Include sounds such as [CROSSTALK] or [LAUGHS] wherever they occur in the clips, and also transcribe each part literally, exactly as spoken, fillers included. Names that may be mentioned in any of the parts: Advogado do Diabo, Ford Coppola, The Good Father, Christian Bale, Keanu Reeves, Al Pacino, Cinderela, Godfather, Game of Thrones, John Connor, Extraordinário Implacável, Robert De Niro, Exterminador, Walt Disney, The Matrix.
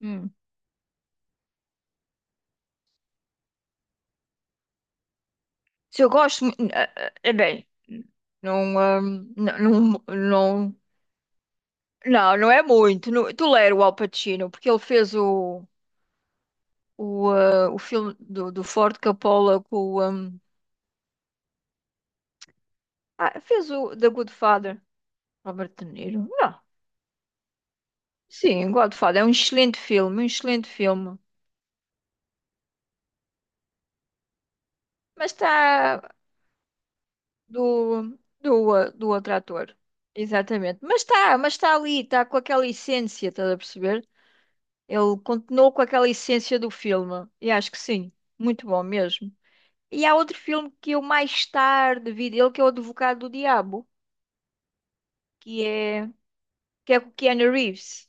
Hum. Se eu gosto, mu- eh, eh, eh, bem, não, hum, não, não, não, não, não é muito. Não, tolero o Al Pacino, porque ele fez o, o, eh, o filme do, do Ford Coppola com o, hum, ah, fez o The Good Father, Robert De Niro. Não, sim, Godfather é um excelente filme, um excelente filme. Mas está do, do, eh, do outro ator. Exatamente. Mas está, mas está ali, está com aquela essência, estás a perceber? Ele continuou com aquela essência do filme. E acho que sim, muito bom mesmo. E há outro filme que eu mais tarde vi dele, que é o Advogado do Diabo, que é, que é com o Keanu Reeves.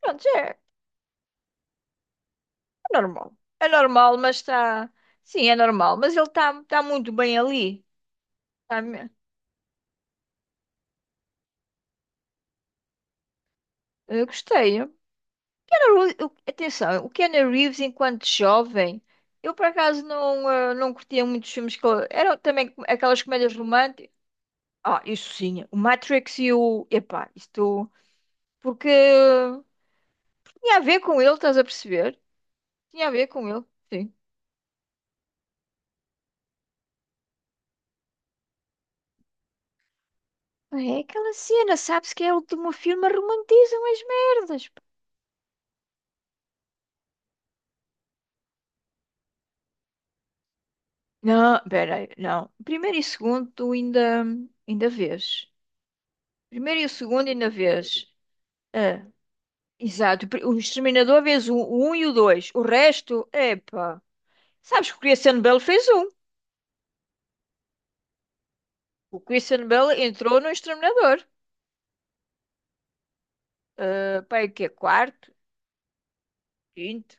Pronto, é, é normal. É normal, mas está. Sim, é normal. Mas ele está tá tá muito bem ali. Tá me- eu gostei. O Keanu Reeves- o- atenção, o Keanu Reeves, enquanto jovem, eu por acaso não, eh, não curtia muitos filmes que ele- eram também aquelas comédias românticas. Ah, isso sim. O Matrix e o. Epá, isto. Porque tinha a ver com ele, estás a perceber? Tinha a ver com ele, sim. É aquela cena, sabes que é o meu filme, romantizam as merdas, pá. Não, peraí, não. Primeiro e segundo, tu ainda, ainda vês. Primeiro e o segundo, ainda vês. Ah, exato. Pri- O Exterminador vês o, o um e o dois. O resto, epá. Sabes que o Christian Bale fez um. O Christian Bale entrou no Exterminador. Ah, pá, que é quarto? Quinto?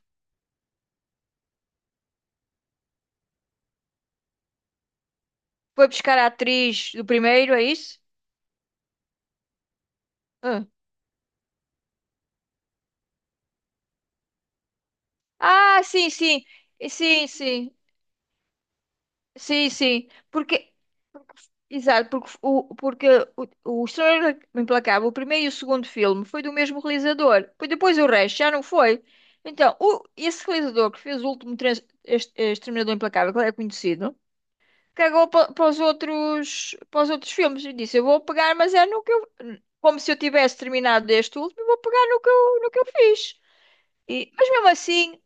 Foi buscar a atriz do primeiro, é isso? Ah, ah, sim, sim. Sim, sim. Sim, sim. Porque, exato, porque o, porque o, o Extraordinário Implacável, o primeiro e o segundo filme, foi do mesmo realizador. Pois depois o resto já não foi. Então, o, esse realizador que fez o último trans- este- Exterminador Implacável, que é conhecido, cagou pa- para os outros, para os outros filmes e disse: Eu vou pegar, mas é no que eu. Como se eu tivesse terminado este último, eu vou pegar no que eu, no que eu fiz. E- mas mesmo assim,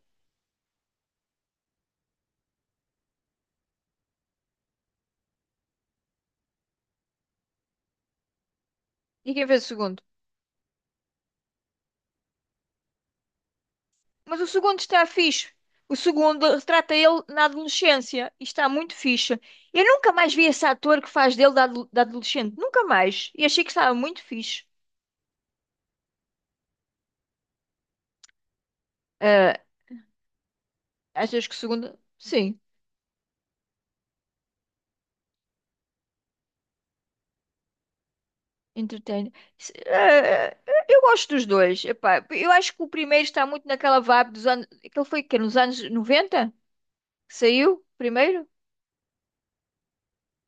e quem fez o segundo? Mas o segundo está fixe. O segundo retrata ele na adolescência e está muito fixe. Eu nunca mais vi esse ator que faz dele da, ado- da adolescente. Nunca mais. E achei que estava muito fixe. Ah, achas que o segundo? Sim, entretém. Se- ah, ah, eu gosto dos dois. Epá, eu acho que o primeiro está muito naquela vibe dos anos. Aquele foi que nos anos noventa que saiu primeiro?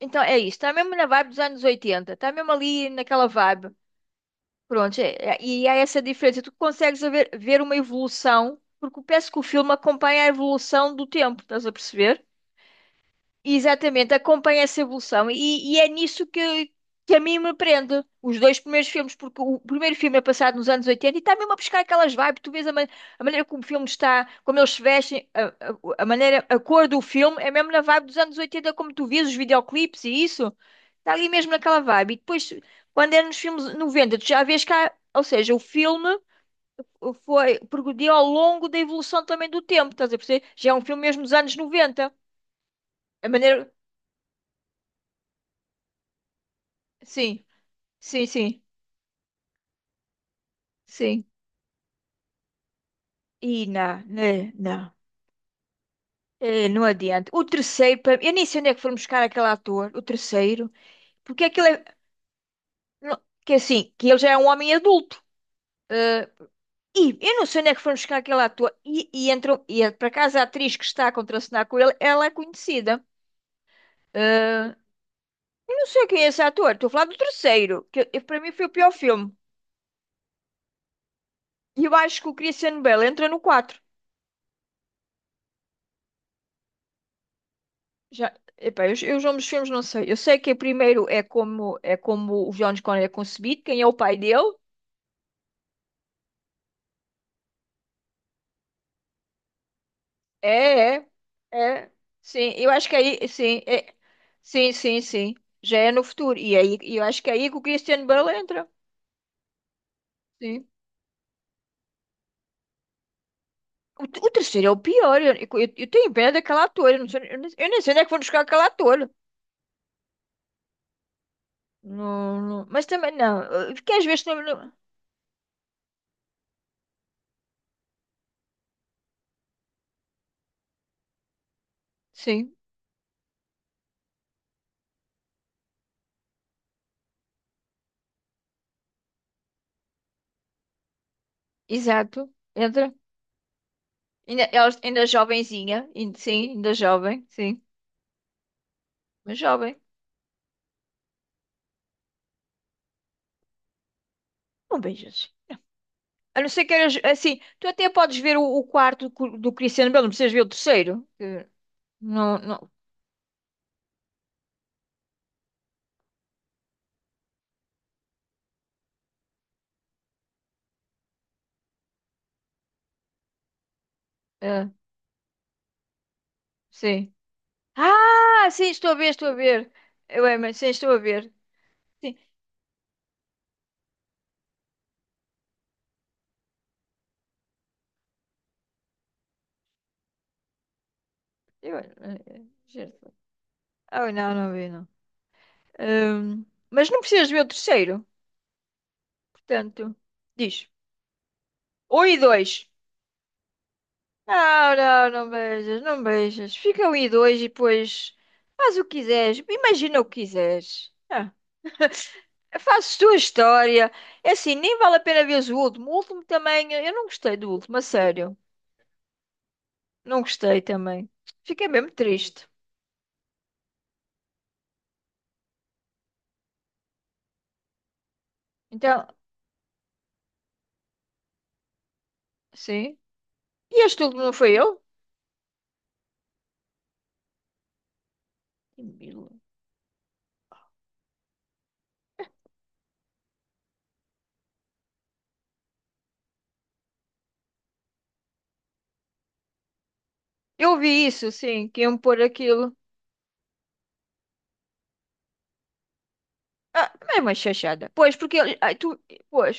Então é isso. Está mesmo na vibe dos anos oitenta. Está mesmo ali naquela vibe. Pronto, é- é- e há essa diferença. Tu consegues haver- ver uma evolução, porque eu penso que o filme acompanha a evolução do tempo, estás a perceber? Exatamente, acompanha essa evolução e, e é nisso que, que a mim me prende. Os dois primeiros filmes, porque o primeiro filme é passado nos anos oitenta e está mesmo a buscar aquelas vibes. Tu vês a, ma- a maneira como o filme está, como eles se vestem, a, a- a maneira, a cor do filme é mesmo na vibe dos anos oitenta, como tu vês os videoclipes e isso. Está ali mesmo naquela vibe. E depois, quando é nos filmes noventa, tu já vês cá, ou seja, o filme foi progrediu ao longo da evolução também do tempo, estás a perceber? Já é um filme mesmo dos anos noventa. A maneira. Sim. Sim, sim, sim. E não, não, não. Eh, não adianta. O terceiro, para- eu nem sei onde é que foram buscar aquele ator, o terceiro, porque aquele é. não- Que é assim, que ele já é um homem adulto. E eu não sei onde é que foram buscar aquele ator. E, e entrou, e é- por acaso a atriz que está a contracenar com ele, ela é conhecida. Eh, Eu não sei quem é esse ator, estou a falar do terceiro, que eu- para mim foi o pior filme. E eu acho que o Christian Bale entra no quatro. Já, epá, eu, eu os nomes filmes não sei. Eu sei que primeiro é como é como o John Connor é concebido, quem é o pai dele? É, é, é. Sim, eu acho que é aí, sim, é, sim, sim, sim. Já é no futuro. E é aí, e eu acho que é aí que o Christian Bale entra. Sim. O, o terceiro é o pior. Eu, eu, eu tenho pena daquela ator. Eu, não sei, eu, nem eu nem sei onde é que vão buscar aquela ator. Não, não- mas também não. eh, Porque às vezes não, não- sim, exato. Entra. Ainda, ela ainda jovenzinha. ainda- Sim, ainda jovem. Sim. Mas jovem, não vejas. A não ser que eras assim, tu até podes ver o, o quarto cu- do Cristiano Belo, não precisas ver o terceiro. Que Não, não, é, sim. Ah, sim, estou a ver, estou a ver. Eu é, mas sim, estou a ver. Sim, eu, é, é, é, certo. Oh, não, não vi, não. Hum, mas não precisas ver o terceiro, portanto, diz. Um e dois. Não, não, não beijas, não beijas. Fica um e dois e depois faz o que quiseres, imagina o que quiseres. Ah. Fazes tua história. É assim, nem vale a pena veres o último. O último também, eu não gostei do último, a sério. Não gostei também. Fiquei mesmo triste. Então, sim. E este último não foi eu? Eu vi isso, sim, que iam pôr aquilo. Ah, é uma chachada. Pois, porque ele. Ai, tu. Pois,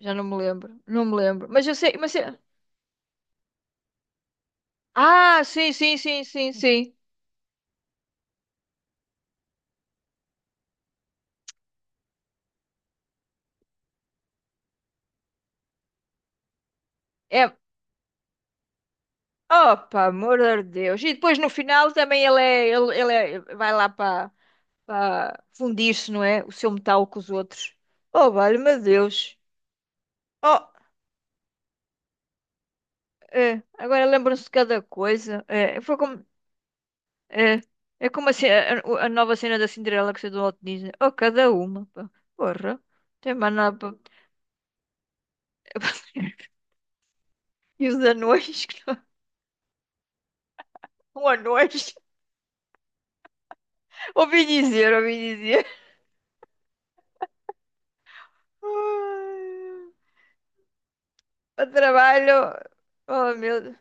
já não me lembro. Não me lembro. Mas eu sei, mas. eu- Ah, sim, sim, sim, sim, sim. É. Opa, amor de Deus. E depois no final também ele é. Ele, ele é- vai lá para. Pá, fundir-se, não é? O seu metal com os outros. Oh, vale-me Deus. Oh, é, agora lembram-se de cada coisa. É, foi como, é, é como a, ce- a- a nova cena da Cinderela que saiu do Walt Disney. Oh, cada uma, pá. Porra. Tem mais nada para... [LAUGHS] E os anões? Que não- [LAUGHS] Um anões? Ouvi dizer, ouvi dizer. [LAUGHS] Ai, o trabalho... Oh, meu...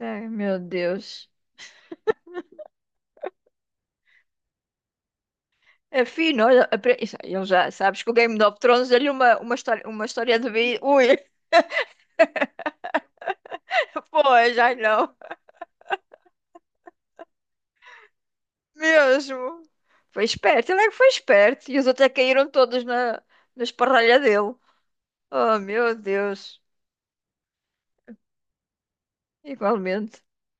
Ai, meu Deus. É fino, olha, apre- isso, ele já sabes que o Game of Thrones deu-lhe uma, uma história, uma história de vida. Ui, [LAUGHS] pois, ai não, mesmo. Foi esperto, ele é que foi esperto. E os outros é que caíram todos na, na esparralha dele. Oh, meu Deus, igualmente.